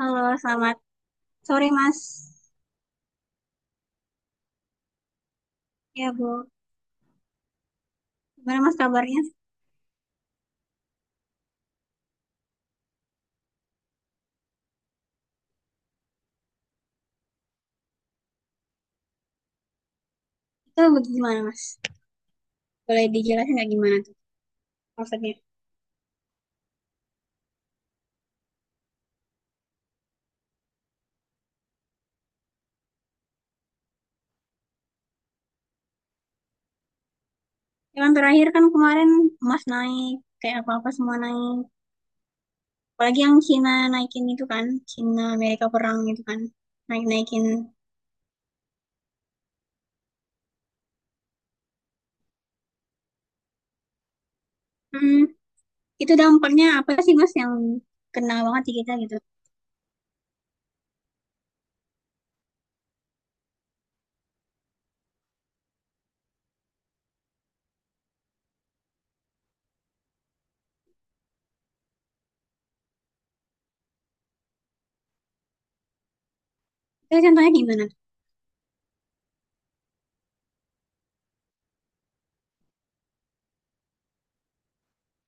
Halo, selamat sore Mas. Ya, Bu. Gimana Mas kabarnya? Itu gimana Mas? Boleh dijelasin nggak gimana tuh maksudnya? Ya kan terakhir kan kemarin emas naik, kayak apa-apa semua naik. Apalagi yang Cina naikin itu kan, Cina Amerika perang itu kan, naik-naikin. Hmm, itu dampaknya apa sih Mas yang kena banget di kita gitu? Itu contohnya gimana tuh?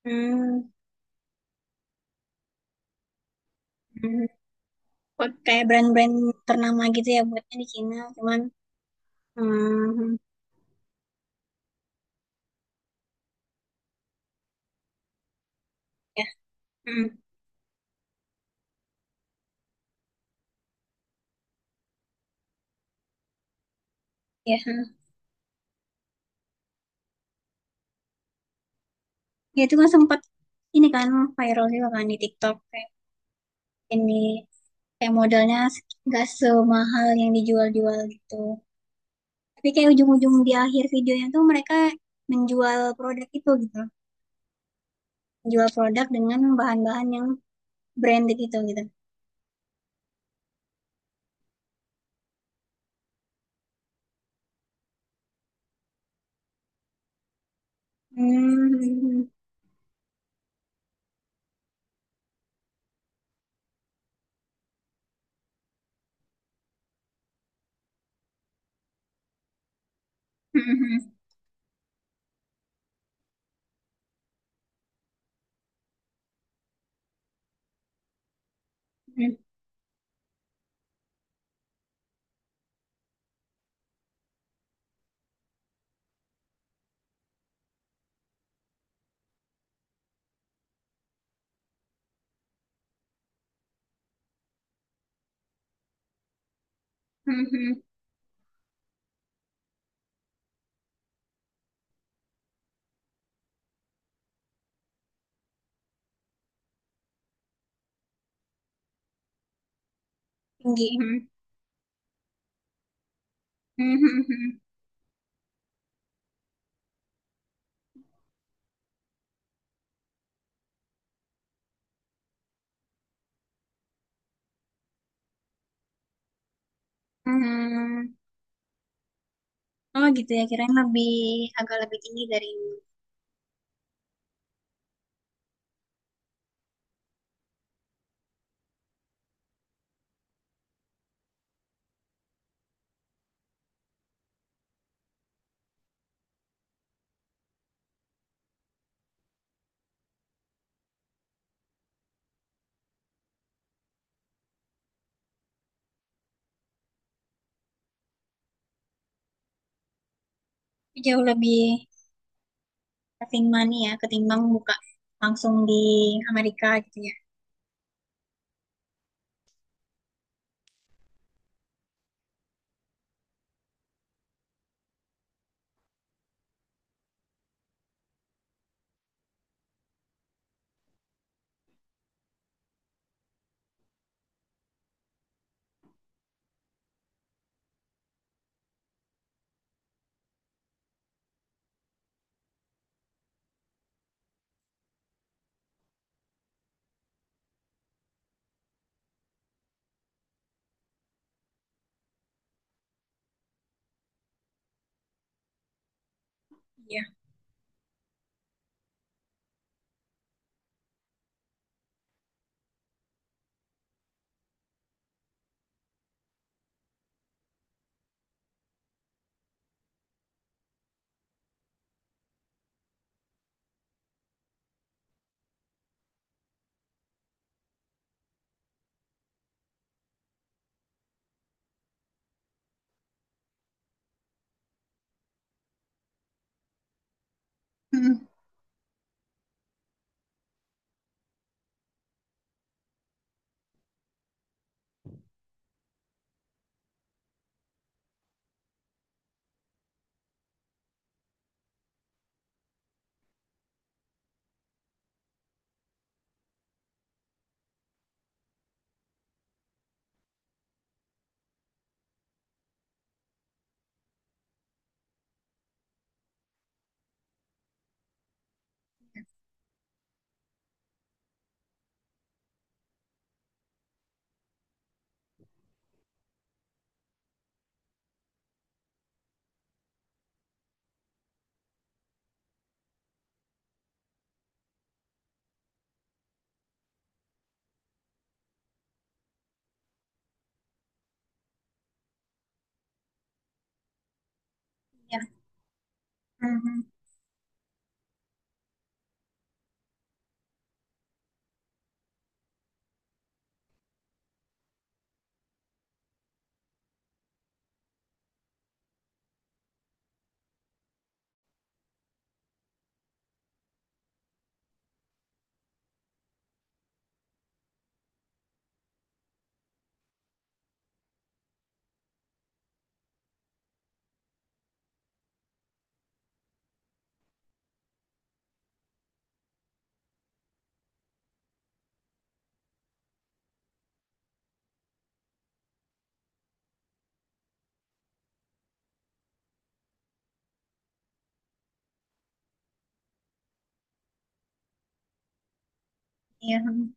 Hmm, hmm. Kok kayak brand-brand ternama gitu ya buatnya di Cina, cuman hmm, ya, hmm, ya, hmm. Ya, itu kan sempat ini kan viral juga kan di TikTok, kayak ini kayak modalnya nggak semahal yang dijual-jual gitu. Tapi kayak ujung-ujung di akhir videonya tuh mereka menjual produk itu gitu, menjual produk dengan bahan-bahan yang branded itu gitu. Hmm. Tinggi. Hmm, hmm, hmm, hmm, hmm, hmm, hmm. Oh gitu ya, kirain lebih agak lebih tinggi dari ini. Jauh lebih saving money ya ketimbang buka langsung di Amerika gitu ya. Iya. Hmm, iya. Hmm, iya, hmm.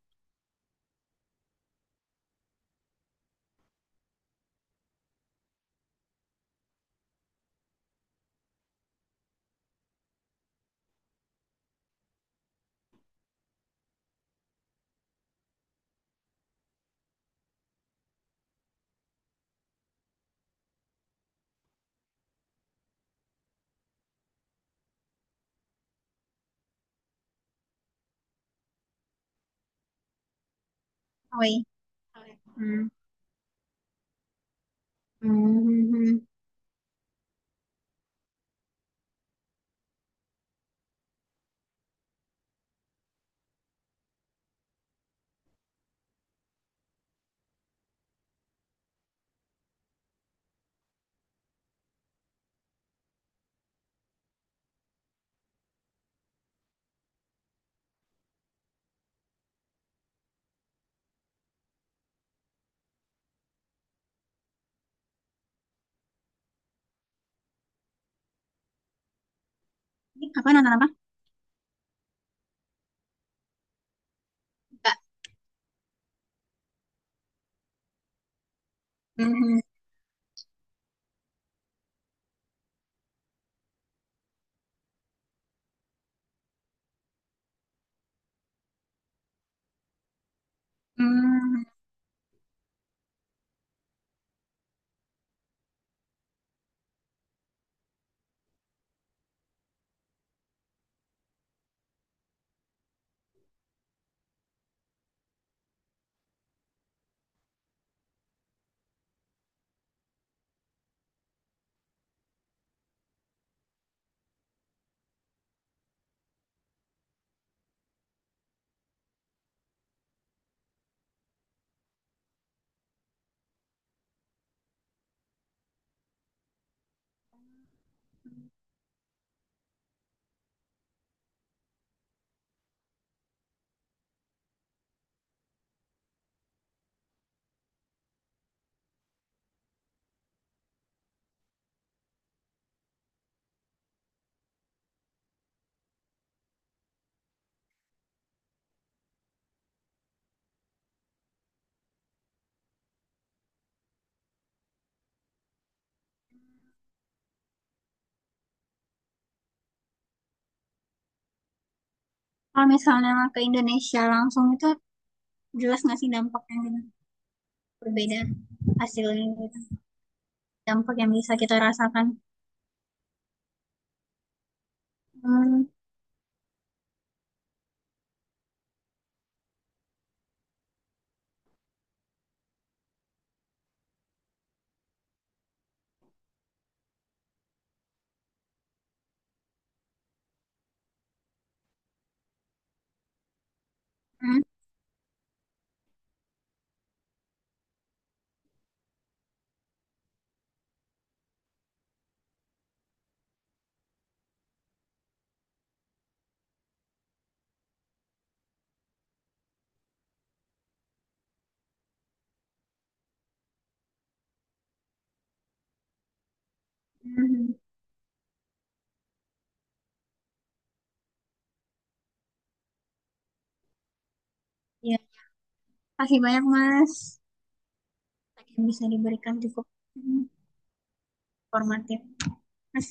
Oh, iya. Hmm. Hmm. Ini apa nonton apa? Enggak. Hmm. Hmm. Kalau misalnya ke Indonesia langsung itu jelas nggak sih dampaknya gitu? Berbeda hasilnya gitu. Dampak yang bisa kita rasakan. Hmm. Hmm. Hmm, hmm. Iya. Kasih banyak Mas. Yang bisa diberikan cukup hmm, informatif. Terima kasih.